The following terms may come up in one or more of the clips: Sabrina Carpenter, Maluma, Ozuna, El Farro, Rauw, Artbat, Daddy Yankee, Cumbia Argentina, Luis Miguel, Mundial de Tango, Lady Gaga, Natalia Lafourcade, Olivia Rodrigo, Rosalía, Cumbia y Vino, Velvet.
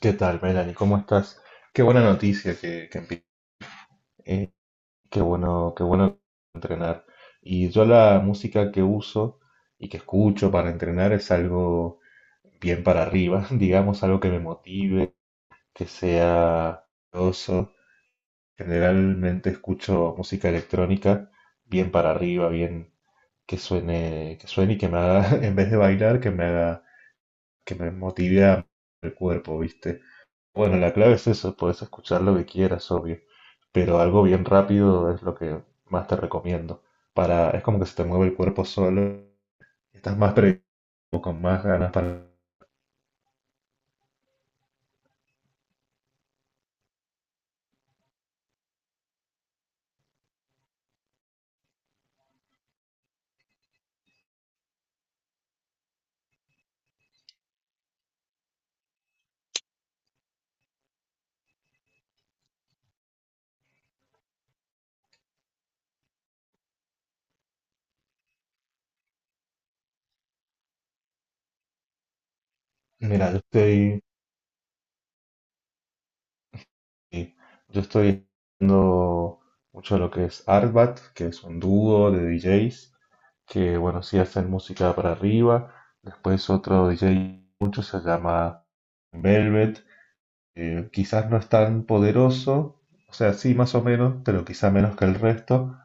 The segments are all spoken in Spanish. ¿Qué tal, Melanie? ¿Cómo estás? Qué buena noticia eh, qué bueno entrenar. Y yo la música que uso y que escucho para entrenar es algo bien para arriba, digamos, algo que me motive, que sea oso. Generalmente escucho música electrónica bien para arriba, bien que suene y que me haga, en vez de bailar, que me haga, que me motive a el cuerpo, ¿viste? Bueno, la clave es eso, puedes escuchar lo que quieras, obvio, pero algo bien rápido es lo que más te recomiendo. Es como que se te mueve el cuerpo solo, y estás más predispuesto, con más ganas para. Mira, sí, yo estoy viendo mucho lo que es Artbat, que es un dúo de DJs, que bueno, sí hacen música para arriba. Después otro DJ, mucho se llama Velvet. Quizás no es tan poderoso, o sea, sí, más o menos, pero quizá menos que el resto,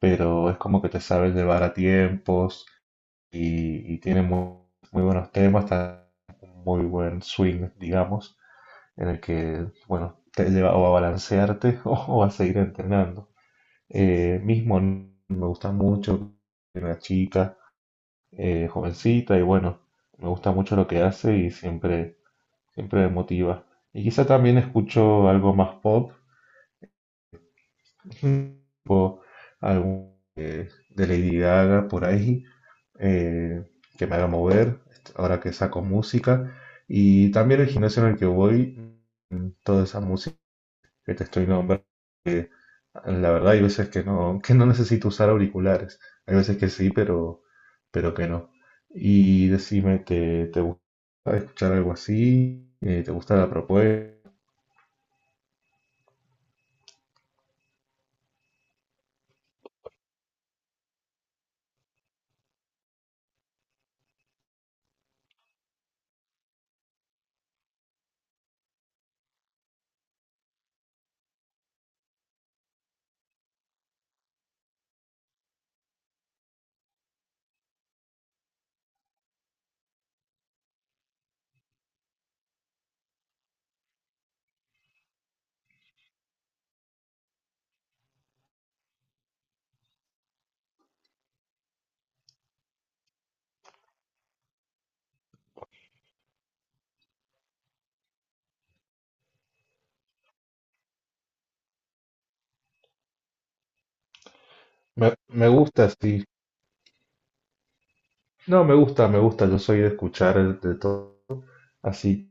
pero es como que te sabe llevar a tiempos y tiene muy, muy buenos temas, está un muy buen swing, digamos, en el que, bueno, te lleva o a balancearte o, a seguir entrenando. Mismo me gusta mucho es una chica jovencita y bueno, me gusta mucho lo que hace y siempre, siempre me motiva. Y quizá también escucho algo más pop, Mm. o algún de Lady Gaga por ahí, eh, que me haga mover, ahora que saco música. Y también el gimnasio en el que voy, toda esa música que te estoy nombrando, que la verdad hay veces que no necesito usar auriculares, hay veces que sí, pero que no. Y decime, ¿te gusta escuchar algo así? ¿Te gusta la propuesta? Me gusta, sí. No, me gusta, yo soy de escuchar de todo así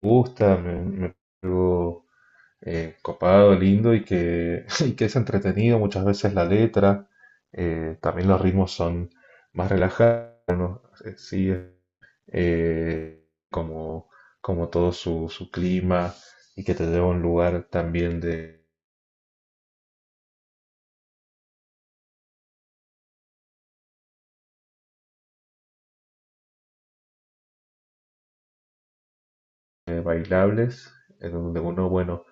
que me gusta, copado, lindo y que es entretenido. Muchas veces la letra, también los ritmos son más relajados, sí, eh, como, como todo su clima y que te lleva a un lugar también de bailables en donde uno, bueno,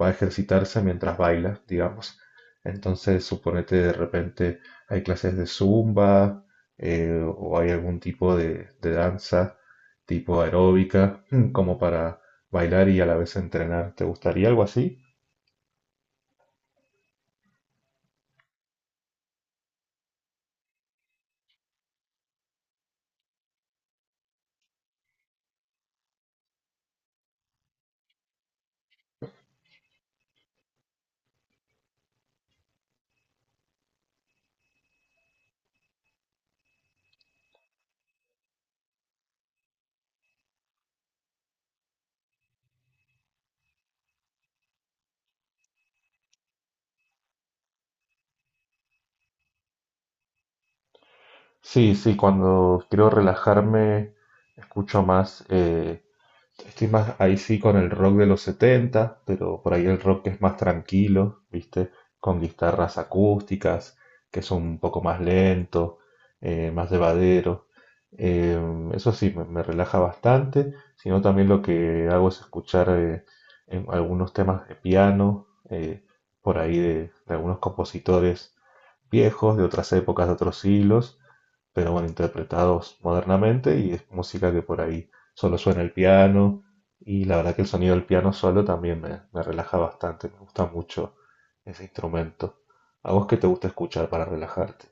va a ejercitarse mientras baila, digamos. Entonces, suponete de repente hay clases de zumba o hay algún tipo de danza tipo aeróbica como para bailar y a la vez entrenar. ¿Te gustaría algo así? Sí, sí, cuando quiero relajarme escucho más. Estoy más ahí sí con el rock de los 70 pero por ahí el rock que es más tranquilo, ¿viste? Con guitarras acústicas, que son un poco más lento, más llevadero. Eh, eso sí, me relaja bastante, sino también lo que hago es escuchar en algunos temas de piano, por ahí de algunos compositores viejos, de otras épocas, de otros siglos, pero bueno, interpretados modernamente y es música que por ahí solo suena el piano y la verdad que el sonido del piano solo también me relaja bastante, me gusta mucho ese instrumento. ¿A vos qué te gusta escuchar para relajarte?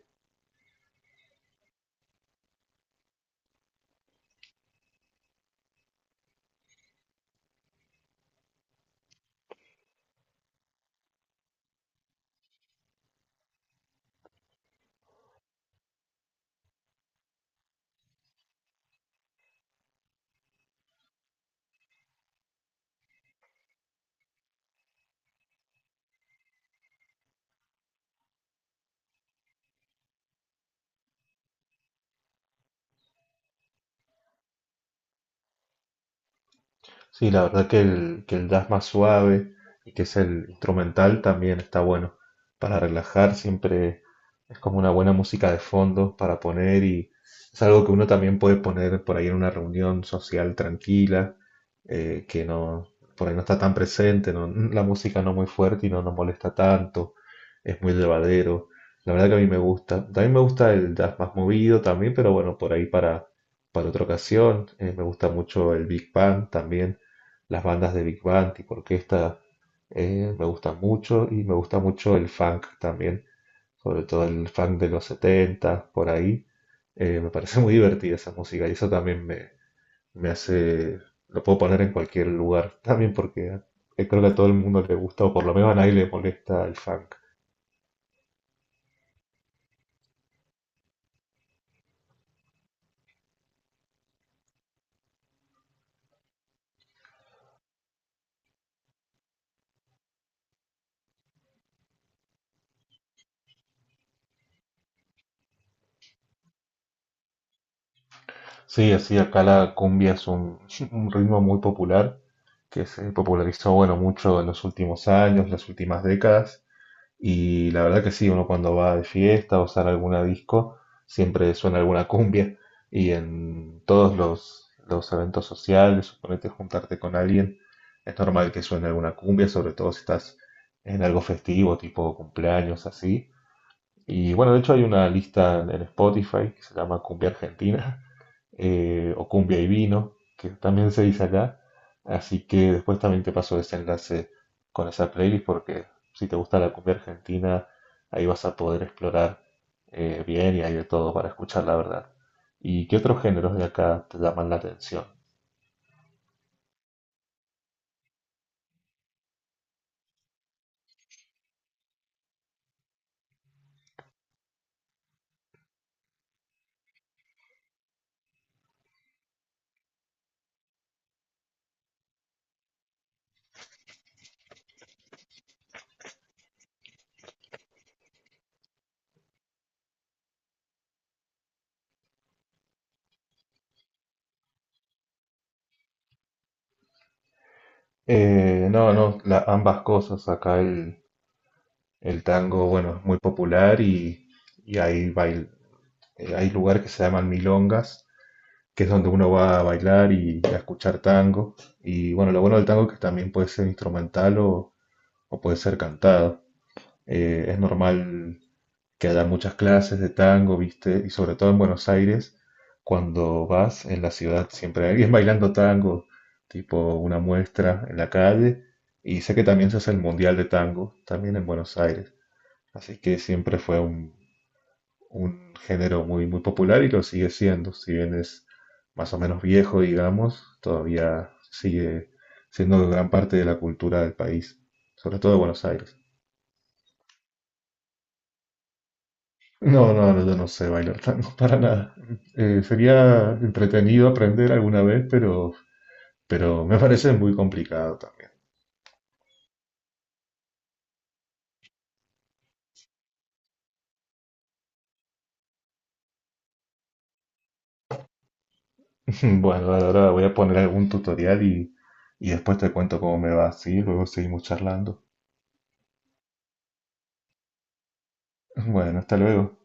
Sí, la verdad que el jazz más suave y que es el instrumental también está bueno para relajar, siempre es como una buena música de fondo para poner y es algo que uno también puede poner por ahí en una reunión social tranquila, que no, por ahí no está tan presente, la música no muy fuerte y no nos molesta tanto, es muy llevadero. La verdad que a mí me gusta. También me gusta el jazz más movido también, pero bueno, por ahí para, otra ocasión. Me gusta mucho el Big Band también. Las bandas de Big Band tipo orquesta me gustan mucho y me gusta mucho el funk también, sobre todo el funk de los 70, por ahí. Me parece muy divertida esa música y eso también me hace, lo puedo poner en cualquier lugar también porque creo que a todo el mundo le gusta o por lo menos a nadie le molesta el funk. Sí, así acá la cumbia es un, un ritmo muy popular que se popularizó bueno mucho en los últimos años, las últimas décadas. Y la verdad que sí, uno cuando va de fiesta o sale a alguna disco, siempre suena alguna cumbia. Y en todos los eventos sociales, suponete juntarte con alguien, es normal que suene alguna cumbia, sobre todo si estás en algo festivo, tipo cumpleaños, así. Y bueno, de hecho hay una lista en Spotify que se llama Cumbia Argentina o Cumbia y Vino, que también se dice acá. Así que después también te paso ese enlace con esa playlist porque si te gusta la cumbia argentina, ahí vas a poder explorar bien y hay de todo para escuchar, la verdad. ¿Y qué otros géneros de acá te llaman la atención? No, no, ambas cosas. Acá el tango, bueno, es muy popular y hay lugares que se llaman milongas, que es donde uno va a bailar y a escuchar tango. Y bueno, lo bueno del tango es que también puede ser instrumental o puede ser cantado. Es normal que haya muchas clases de tango, ¿viste? Y sobre todo en Buenos Aires, cuando vas en la ciudad siempre hay alguien bailando tango, tipo una muestra en la calle. Y sé que también se hace el Mundial de Tango, también en Buenos Aires. Así que siempre fue un, género muy, muy popular y lo sigue siendo, si bien es más o menos viejo, digamos, todavía sigue siendo gran parte de la cultura del país, sobre todo de Buenos Aires. No, no, no, yo no sé bailar tango para nada. Sería entretenido aprender alguna vez, pero me parece muy complicado también. Bueno, ahora voy a poner algún tutorial y después te cuento cómo me va, ¿sí? Luego seguimos charlando. Bueno, hasta luego.